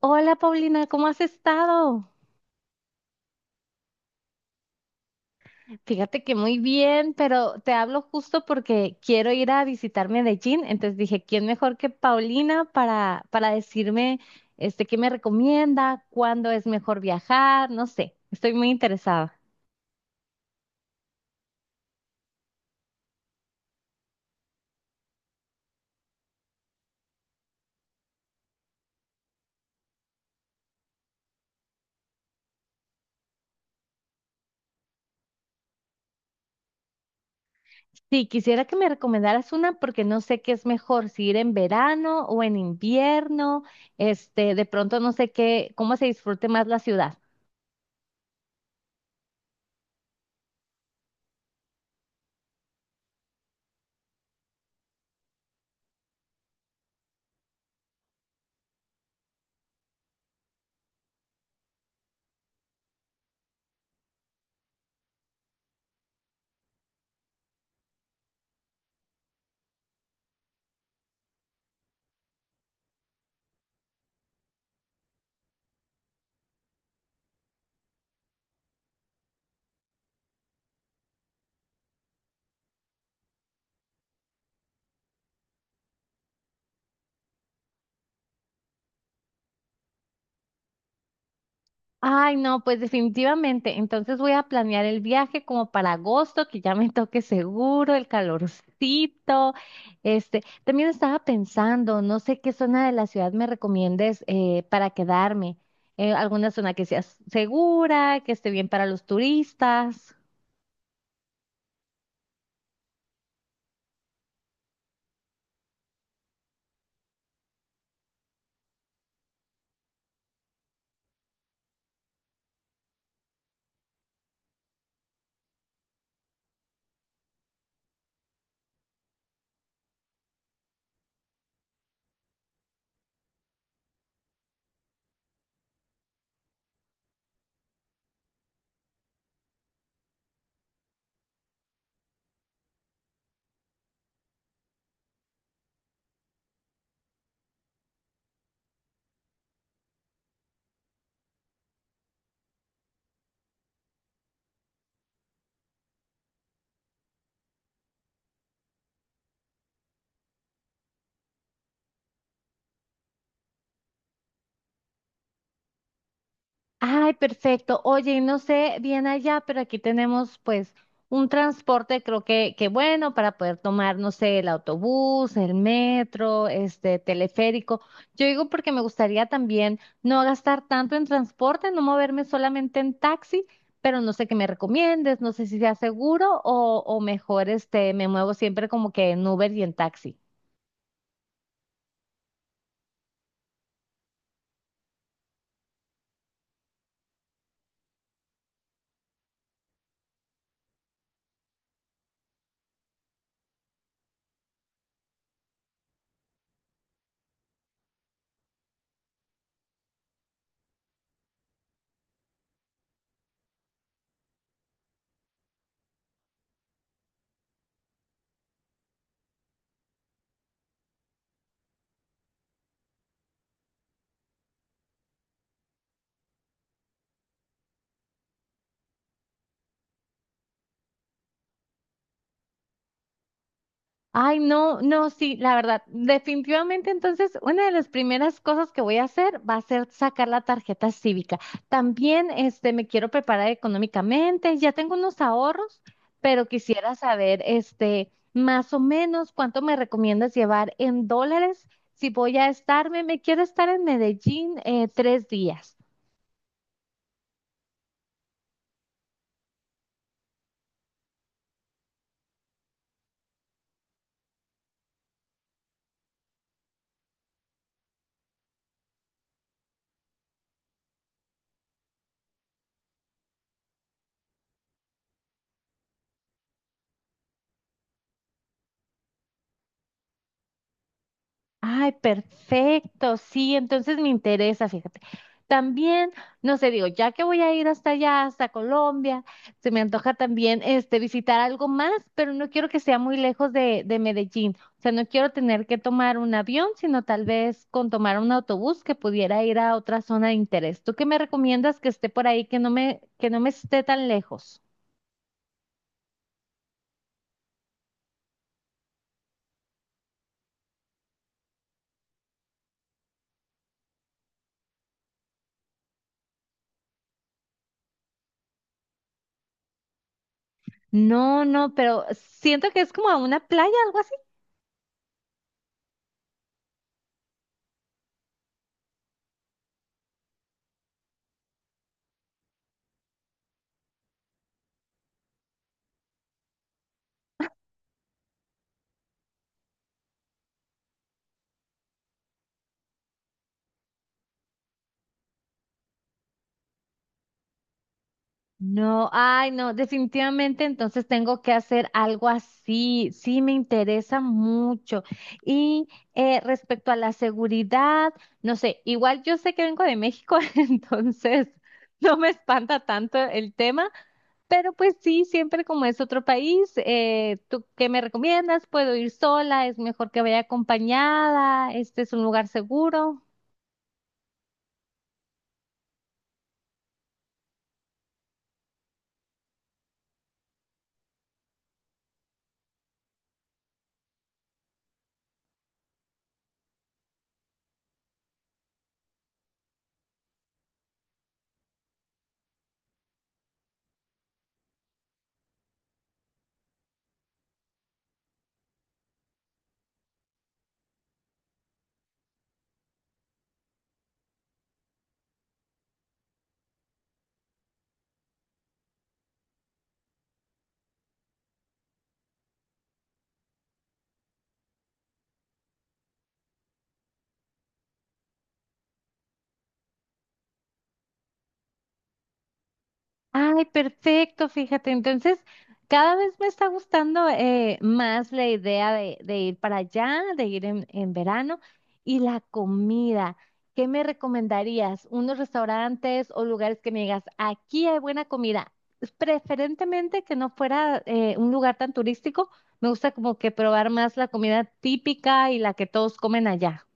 Hola Paulina, ¿cómo has estado? Fíjate que muy bien, pero te hablo justo porque quiero ir a visitar Medellín, entonces dije, ¿quién mejor que Paulina para decirme qué me recomienda, cuándo es mejor viajar? No sé, estoy muy interesada. Sí, quisiera que me recomendaras una porque no sé qué es mejor, si ir en verano o en invierno, de pronto no sé qué, cómo se disfrute más la ciudad. Ay, no, pues definitivamente. Entonces voy a planear el viaje como para agosto, que ya me toque seguro, el calorcito. También estaba pensando, no sé qué zona de la ciudad me recomiendes para quedarme. Alguna zona que sea segura, que esté bien para los turistas. Ay, perfecto. Oye, no sé bien allá, pero aquí tenemos pues un transporte, creo que bueno, para poder tomar, no sé, el autobús, el metro, este teleférico. Yo digo porque me gustaría también no gastar tanto en transporte, no moverme solamente en taxi, pero no sé qué me recomiendes, no sé si sea seguro o mejor me muevo siempre como que en Uber y en taxi. Ay, no, no, sí, la verdad, definitivamente entonces una de las primeras cosas que voy a hacer va a ser sacar la tarjeta cívica. También me quiero preparar económicamente, ya tengo unos ahorros, pero quisiera saber más o menos cuánto me recomiendas llevar en dólares si voy a estarme, me quiero estar en Medellín 3 días. Ay, perfecto, sí, entonces me interesa, fíjate. También, no sé, digo, ya que voy a ir hasta allá, hasta Colombia, se me antoja también visitar algo más, pero no quiero que sea muy lejos de Medellín. O sea, no quiero tener que tomar un avión, sino tal vez con tomar un autobús que pudiera ir a otra zona de interés. ¿Tú qué me recomiendas que esté por ahí, que que no me esté tan lejos? No, no, pero siento que es como a una playa. No, ay, no, definitivamente entonces tengo que hacer algo así. Sí, me interesa mucho. Y Respecto a la seguridad, no sé, igual yo sé que vengo de México, entonces no me espanta tanto el tema, pero pues sí, siempre como es otro país, ¿tú qué me recomiendas? ¿Puedo ir sola? ¿Es mejor que vaya acompañada? ¿Este es un lugar seguro? Ay, perfecto, fíjate. Entonces, cada vez me está gustando más la idea de ir para allá, de ir en verano. Y la comida, ¿qué me recomendarías? ¿Unos restaurantes o lugares que me digas, aquí hay buena comida? Preferentemente que no fuera un lugar tan turístico. Me gusta como que probar más la comida típica y la que todos comen allá.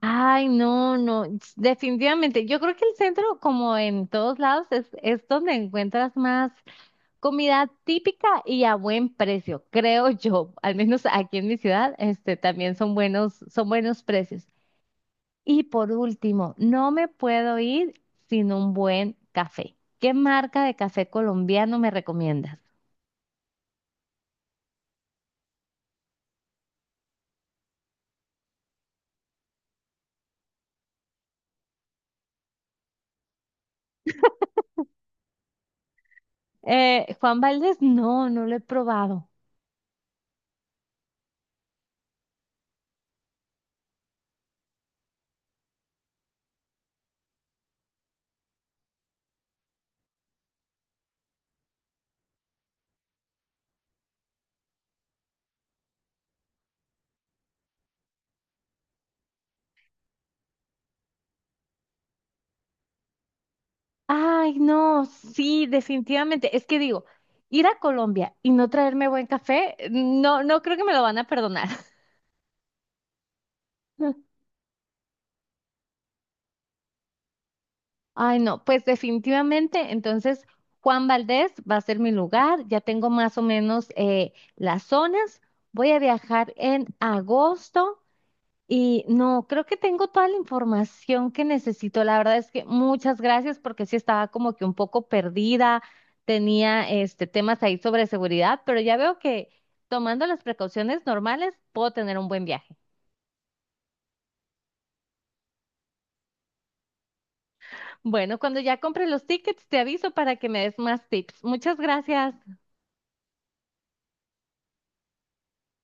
Ay, no, no, definitivamente. Yo creo que el centro, como en todos lados, es donde encuentras más comida típica y a buen precio, creo yo. Al menos aquí en mi ciudad, también son buenos precios. Y por último, no me puedo ir sin un buen café. ¿Qué marca de café colombiano me recomiendas? Juan Valdez, no, no lo he probado. Ay, no, sí, definitivamente. Es que digo, ir a Colombia y no traerme buen café, no, no creo que me lo van a perdonar. Ay, no, pues definitivamente, entonces Juan Valdez va a ser mi lugar, ya tengo más o menos las zonas, voy a viajar en agosto. Y no, creo que tengo toda la información que necesito. La verdad es que muchas gracias porque sí estaba como que un poco perdida, tenía este temas ahí sobre seguridad, pero ya veo que tomando las precauciones normales puedo tener un buen viaje. Bueno, cuando ya compre los tickets te aviso para que me des más tips. Muchas gracias.